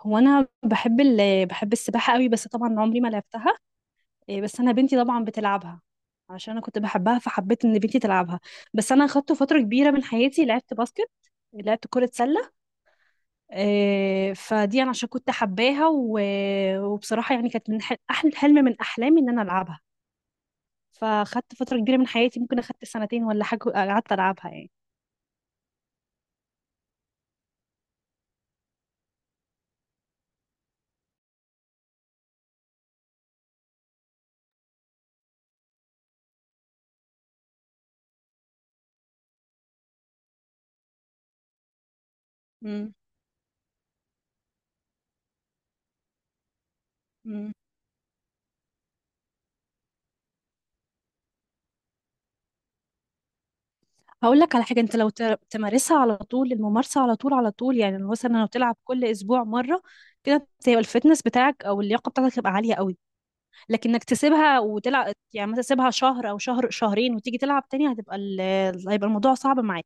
هو انا بحب بحب السباحه قوي، بس طبعا عمري ما لعبتها. إيه، بس انا بنتي طبعا بتلعبها، عشان انا كنت بحبها فحبيت ان بنتي تلعبها. بس انا خدت فتره كبيره من حياتي لعبت باسكت، لعبت كرة سلة. إيه، فدي أنا عشان كنت حباها وبصراحة يعني كانت من أحلى حلم من أحلامي إن أنا ألعبها. فخدت فترة كبيرة من حياتي، ممكن أخدت سنتين ولا حاجة قعدت ألعبها يعني. مم. مم. هقول لك على حاجة، انت لو تمارسها على طول، الممارسة على طول على طول يعني، مثلا لو تلعب كل اسبوع مرة كده، انت هيبقى الفتنس بتاعك او اللياقة بتاعتك هتبقى عالية قوي. لكن انك تسيبها وتلعب، يعني مثلا تسيبها شهر او شهرين وتيجي تلعب تاني، هتبقى هيبقى الموضوع صعب معاك.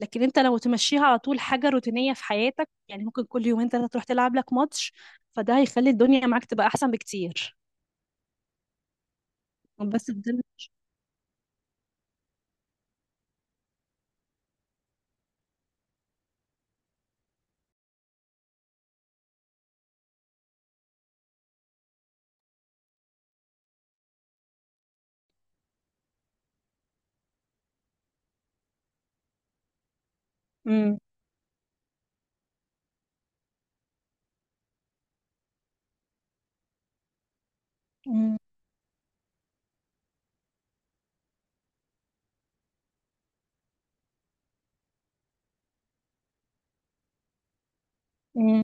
لكن انت لو تمشيها على طول حاجة روتينية في حياتك، يعني ممكن كل يومين ثلاثة تروح تلعب لك ماتش، فده هيخلي الدنيا معاك تبقى احسن بكتير. بس الدنيا. امم. امم.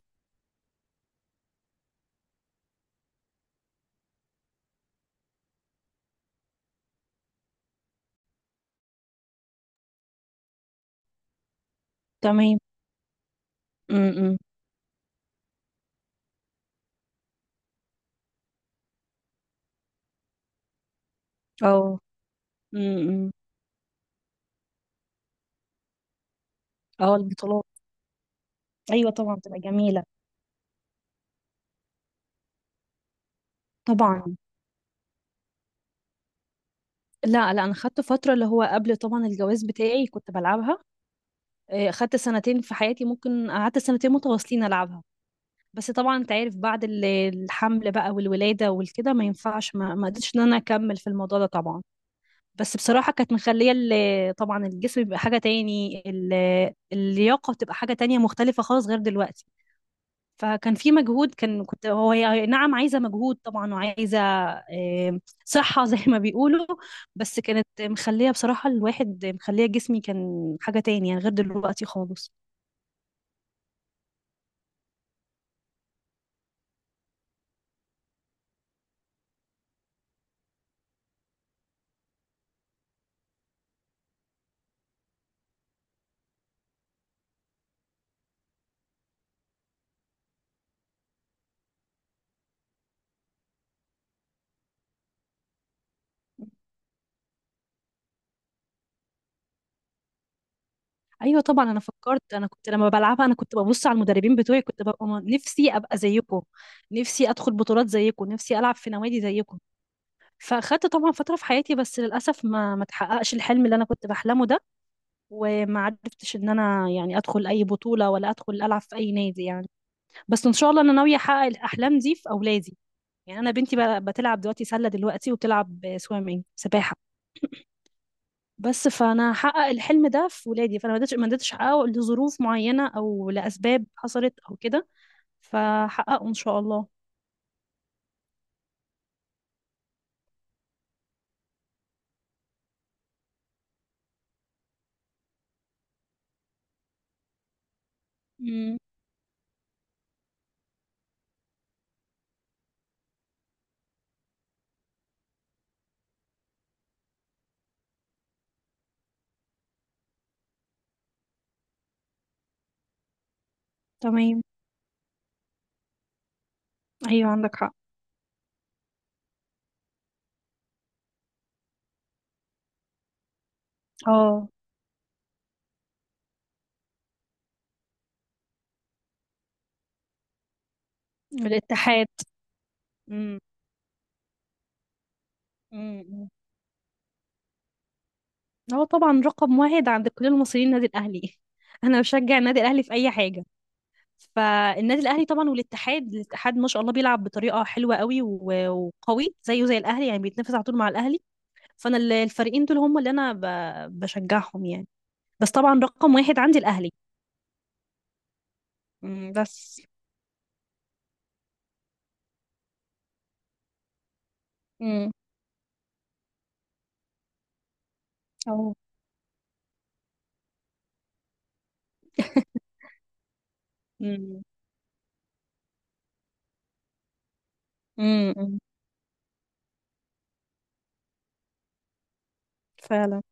تمام. امم. اه. امم. اه البطولات. ايوه طبعا بتبقى جميله. طبعا. لا لا، انا خدت فتره اللي هو قبل طبعا الجواز بتاعي كنت بلعبها. آه، خدت سنتين في حياتي، ممكن قعدت سنتين متواصلين العبها. بس طبعا انت عارف بعد الحمل بقى والولاده والكده ما ينفعش، ما قدرتش ان انا اكمل في الموضوع ده طبعا. بس بصراحه كانت مخليه طبعا الجسم بيبقى حاجه تاني، اللياقه بتبقى حاجه تانية مختلفه خالص غير دلوقتي. فكان في مجهود، كان كنت هو هي نعم عايزة مجهود طبعا، وعايزة صحة زي ما بيقولوا. بس كانت مخلية بصراحة الواحد، مخلية جسمي كان حاجة تاني يعني غير دلوقتي خالص. أيوة طبعا أنا فكرت. أنا كنت لما بلعبها أنا كنت ببص على المدربين بتوعي، كنت ببقى نفسي أبقى زيكم، نفسي أدخل بطولات زيكم، نفسي ألعب في نوادي زيكم. فأخدت طبعا فترة في حياتي، بس للأسف ما تحققش الحلم اللي أنا كنت بحلمه ده. وما عرفتش إن أنا يعني أدخل أي بطولة ولا أدخل ألعب في أي نادي يعني. بس ان شاء الله انا ناويه احقق الاحلام دي في اولادي. يعني انا بنتي بتلعب دلوقتي سله دلوقتي وبتلعب سويمنج، سباحه. بس فانا هحقق الحلم ده في ولادي، فانا ما قدرتش، ما قدرتش احققه لظروف معينه او لاسباب حصلت او كده، فحققه ان شاء الله. امم. تمام. ايوه عندك حق. اه الاتحاد. امم. امم. هو طبعا رقم واحد عند كل المصريين النادي الاهلي. انا بشجع النادي الاهلي في اي حاجه. فالنادي الاهلي طبعا، والاتحاد، الاتحاد ما شاء الله بيلعب بطريقه حلوه قوي وقوي زيه زي الاهلي، يعني بيتنافس على طول مع الاهلي. فانا الفريقين دول هم اللي انا بشجعهم يعني. بس طبعا رقم واحد عندي الاهلي. مم، بس. امم. اه. امم. امم. فعلا.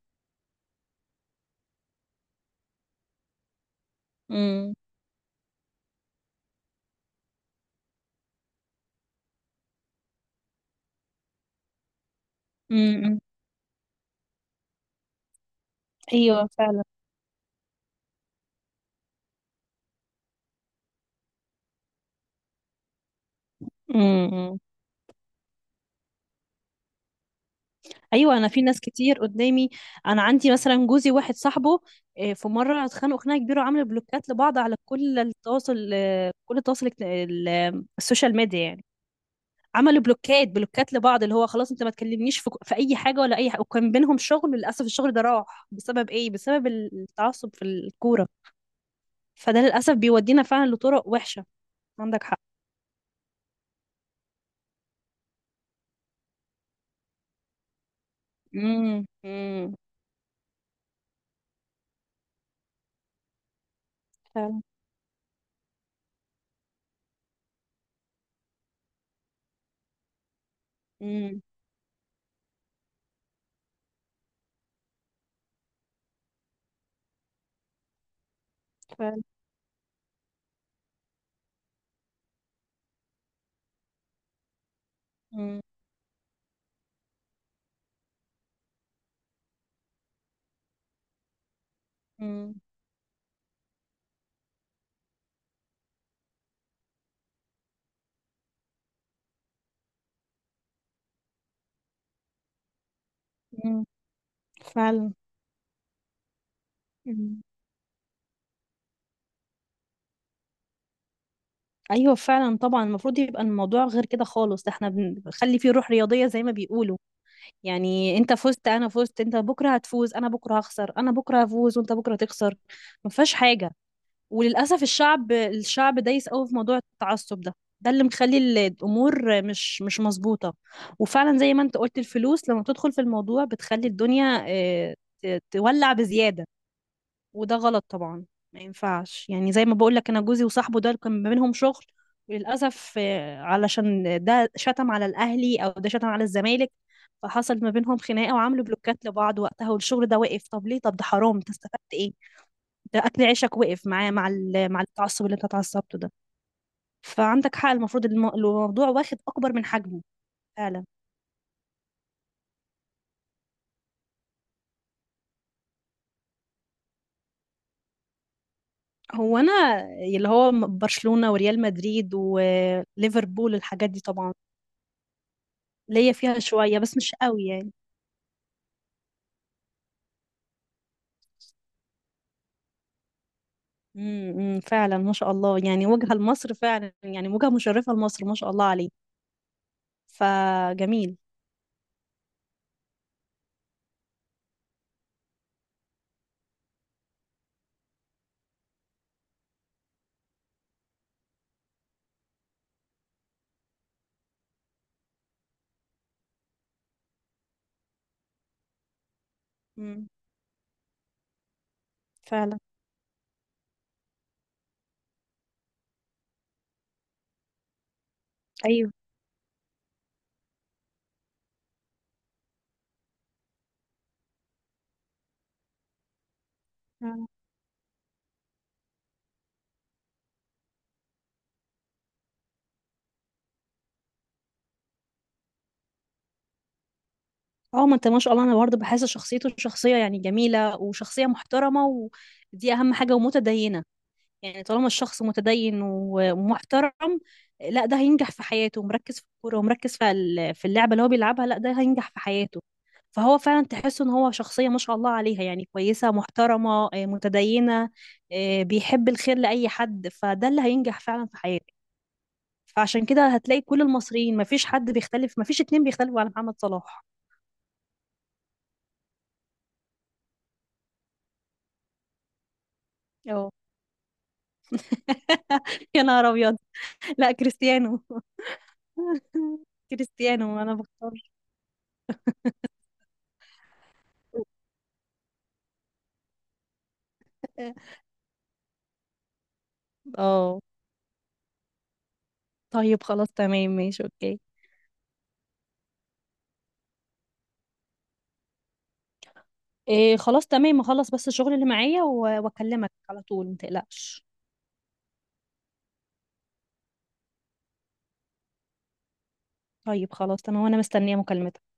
امم. امم. ايوه فعلا. امم. ايوه انا في ناس كتير قدامي. انا عندي مثلا جوزي، واحد صاحبه، آه، في مره اتخانقوا خناقه كبيره وعملوا بلوكات لبعض على كل التواصل، آه، كل التواصل آه، السوشيال ميديا يعني. عملوا بلوكات، بلوكات لبعض، اللي هو خلاص انت ما تكلمنيش في اي حاجه ولا اي حاجه. وكان بينهم شغل للاسف، الشغل ده راح بسبب ايه؟ بسبب التعصب في الكوره. فده للاسف بيودينا فعلا لطرق وحشه. عندك حق. امم. امم. فعلا. امم. فعلا. امم. امم. فعلا. ايوه فعلا طبعا. المفروض يبقى الموضوع غير كده خالص، ده احنا بنخلي فيه روح رياضيه زي ما بيقولوا. يعني انت فزت انا فزت، انت بكره هتفوز انا بكره هخسر، انا بكره هفوز وانت بكره تخسر، ما فيهاش حاجه. وللاسف الشعب، الشعب دايس قوي في موضوع التعصب ده، ده اللي مخلي الامور مش مظبوطه. وفعلا زي ما انت قلت، الفلوس لما بتدخل في الموضوع بتخلي الدنيا اه، تولع بزياده، وده غلط طبعا. ما ينفعش، يعني زي ما بقول لك انا جوزي وصاحبه ده كان ما بينهم شغل، وللاسف آه، علشان ده شتم على الاهلي او ده شتم على الزمالك، فحصل ما بينهم خناقه وعملوا بلوكات لبعض وقتها، والشغل ده وقف. طب ليه؟ طب ده حرام، انت استفدت ايه؟ ده اكل عيشك وقف معاه، مع مع التعصب اللي انت اتعصبته ده. فعندك حق، المفروض الموضوع واخد اكبر من حجمه. فعلا. هو انا اللي هو برشلونه وريال مدريد وليفربول، الحاجات دي طبعا ليا فيها شويه بس مش قوي يعني. امم. إمم، فعلا ما شاء الله يعني، وجهة لمصر فعلا، يعني وجهة مشرفة لمصر، ما شاء الله عليه. فجميل. امم. فعلا. ايوه فعلا. اه ما انت ما شاء الله، انا برضه بحس شخصيته شخصية يعني جميلة وشخصية محترمة، ودي اهم حاجة، ومتدينة. يعني طالما الشخص متدين ومحترم، لا ده هينجح في حياته، ومركز في الكورة ومركز في في اللعبة اللي هو بيلعبها، لا ده هينجح في حياته. فهو فعلا تحس ان هو شخصية ما شاء الله عليها، يعني كويسة محترمة، آه، متدينة، آه، بيحب الخير لأي حد، فده اللي هينجح فعلا في حياته. فعشان كده هتلاقي كل المصريين ما فيش حد بيختلف، ما فيش اتنين بيختلفوا على محمد صلاح. اه. يا نهار ابيض. لا كريستيانو. كريستيانو انا بختار. اه. طيب خلاص تمام ماشي اوكي. إيه خلاص تمام، اخلص بس الشغل اللي معايا واكلمك على طول متقلقش. طيب خلاص تمام، وانا مستنية مكالمتك.